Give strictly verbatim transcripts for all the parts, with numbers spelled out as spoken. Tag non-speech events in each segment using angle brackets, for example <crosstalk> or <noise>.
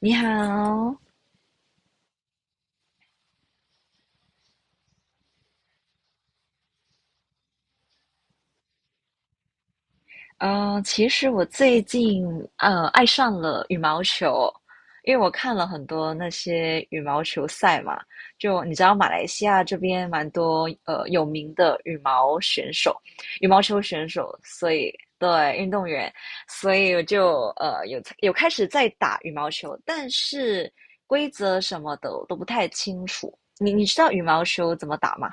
你好，呃，其实我最近呃爱上了羽毛球，因为我看了很多那些羽毛球赛嘛，就你知道马来西亚这边蛮多呃有名的羽毛选手、羽毛球选手，所以对运动员，所以我就呃有有开始在打羽毛球，但是规则什么的我都不太清楚。你你知道羽毛球怎么打吗？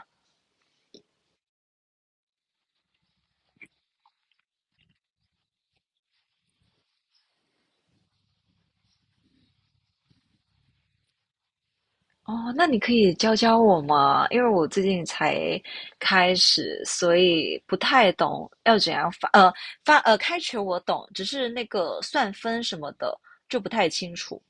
哦，那你可以教教我吗？因为我最近才开始，所以不太懂要怎样发，呃，发，呃，开球我懂，只是那个算分什么的就不太清楚。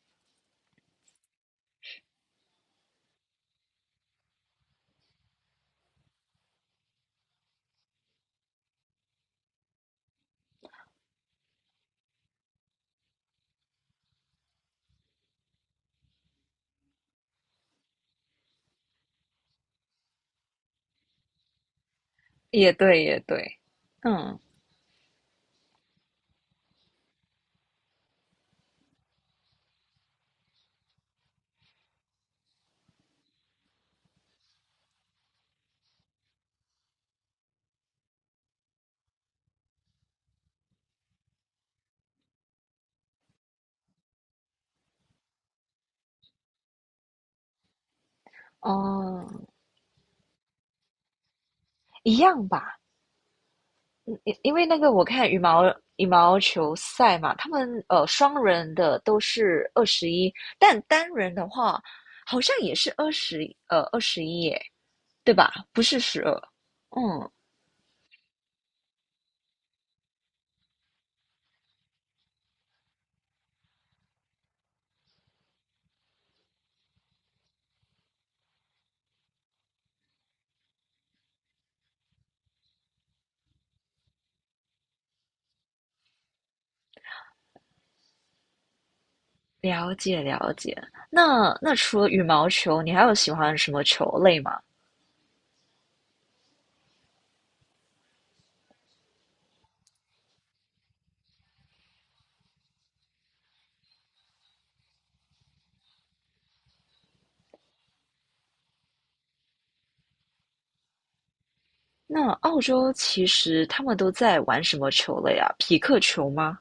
也对，也对，嗯，哦，一样吧，嗯因因为那个我看羽毛羽毛球赛嘛，他们呃双人的都是二十一，但单人的话好像也是二十，呃，二十一耶，对吧？不是十二，嗯。了解了解。那那除了羽毛球，你还有喜欢什么球类吗？那澳洲其实他们都在玩什么球类啊？匹克球吗？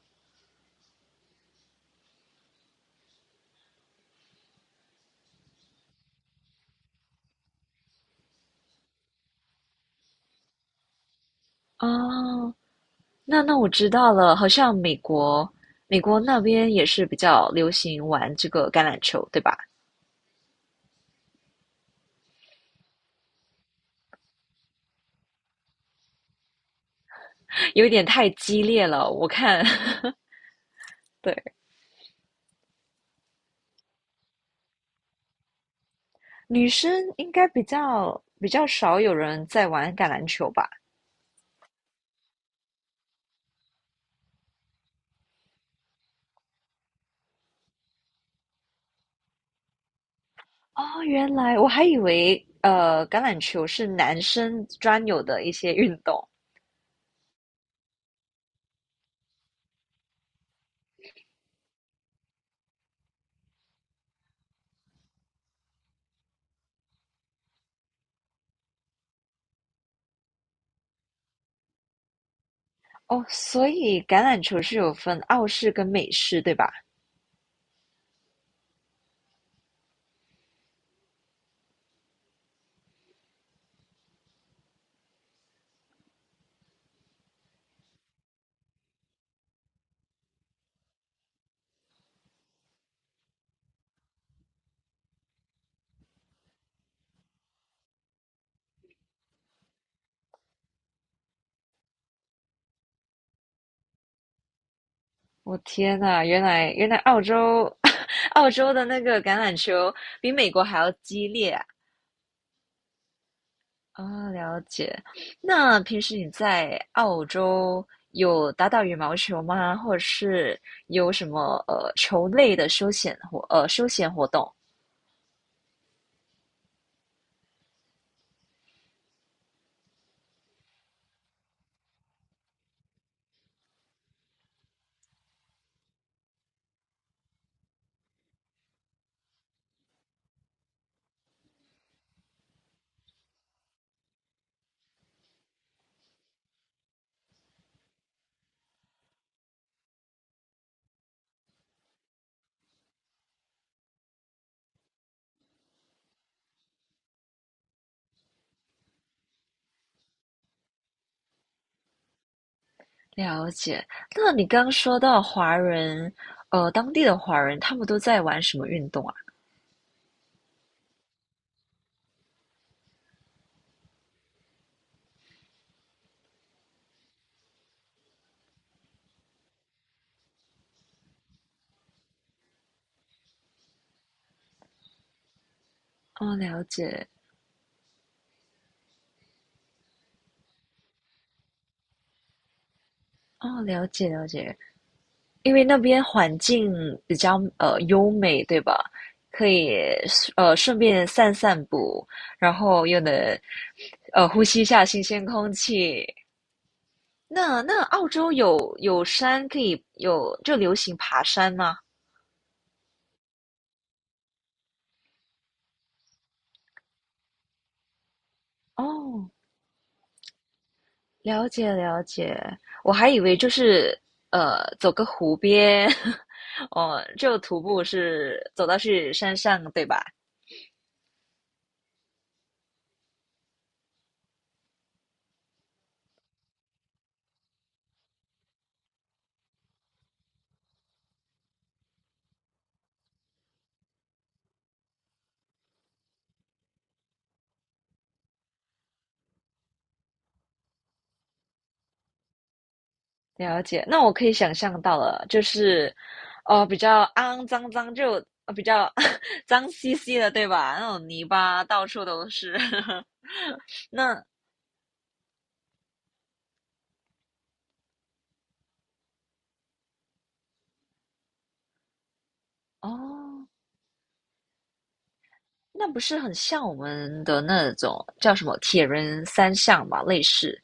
哦，那那我知道了，好像美国美国那边也是比较流行玩这个橄榄球，对吧？<laughs> 有点太激烈了，我看，<laughs> 对，女生应该比较比较少有人在玩橄榄球吧？哦，原来我还以为呃，橄榄球是男生专有的一些运动哦，所以橄榄球是有分澳式跟美式，对吧？我天呐，原来原来澳洲 <laughs> 澳洲的那个橄榄球比美国还要激烈啊！哦了解。那平时你在澳洲有打打羽毛球吗？或者是有什么呃球类的休闲活呃休闲活动？了解。那你刚刚说到华人，呃，当地的华人他们都在玩什么运动啊？哦，了解，哦，了解，了解。因为那边环境比较呃优美，对吧？可以呃顺便散散步，然后又能呃呼吸一下新鲜空气。那那澳洲有有山可以有就流行爬山吗？哦了解了解，我还以为就是呃走个湖边，<laughs> 哦，就徒步是走到去山上，对吧？了解，那我可以想象到了，就是哦比较肮脏脏，就呃比较 <laughs> 脏兮兮的，对吧？那种泥巴到处都是。<laughs> 那哦，那不是很像我们的那种叫什么铁人三项嘛，类似。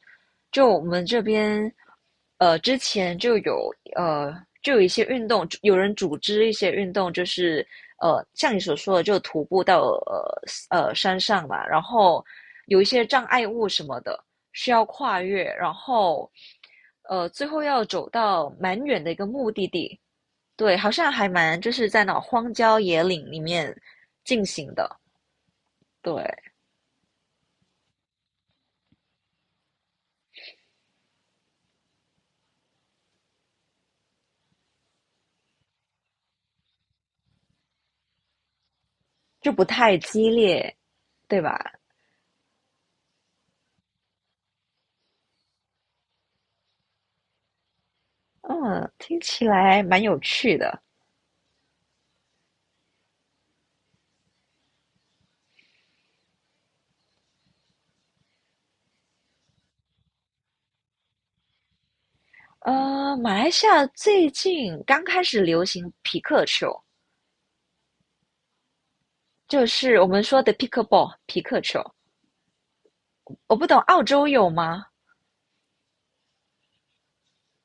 就我们这边，呃，之前就有呃，就有一些运动，有人组织一些运动，就是呃，像你所说的，就徒步到呃呃山上嘛，然后有一些障碍物什么的需要跨越，然后呃，最后要走到蛮远的一个目的地。对，好像还蛮就是在那种荒郊野岭里面进行的。对，就不太激烈，对吧？嗯，听起来蛮有趣的。呃，马来西亚最近刚开始流行皮克球，就是我们说的 p i c k l b a l l 皮克球。我不懂澳洲有吗？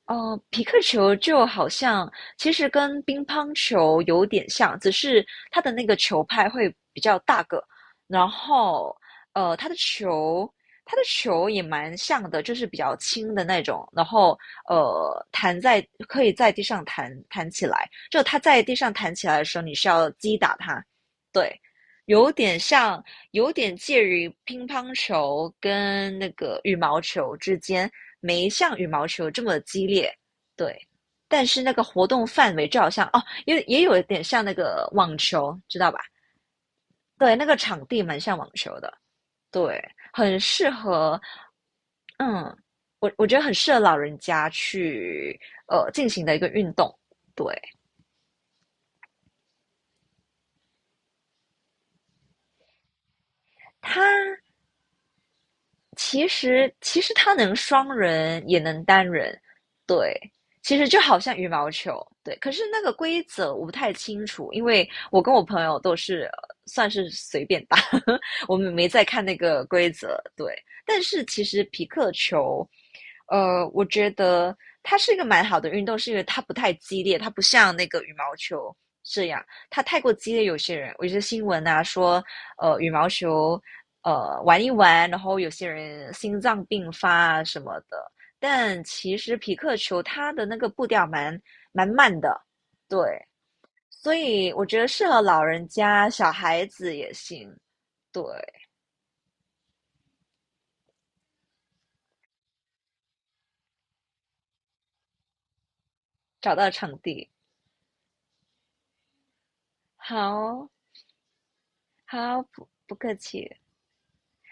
哦，皮克球就好像其实跟乒乓球有点像，只是它的那个球拍会比较大个，然后呃，它的球它的球也蛮像的，就是比较轻的那种，然后呃，弹在可以在地上弹弹起来，就它在地上弹起来的时候，你是要击打它，对，有点像有点介于乒乓球跟那个羽毛球之间，没像羽毛球这么激烈，对。但是那个活动范围就好像哦，也也有一点像那个网球，知道吧？对，那个场地蛮像网球的，对，很适合，嗯，我我觉得很适合老人家去呃进行的一个运动。对，它其实其实它能双人也能单人，对，其实就好像羽毛球，对。可是那个规则我不太清楚，因为我跟我朋友都是呃算是随便打，<laughs> 我们没在看那个规则，对。但是其实皮克球，呃，我觉得它是一个蛮好的运动，是因为它不太激烈，它不像那个羽毛球这样，它太过激烈，有些人，我觉得新闻啊说，呃，羽毛球呃玩一玩，然后有些人心脏病发啊什么的。但其实匹克球它的那个步调蛮蛮慢的，对，所以我觉得适合老人家、小孩子也行。对，找到场地，好，好不不客气，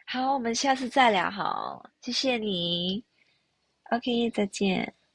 好，我们下次再聊，好，谢谢你，OK,再见。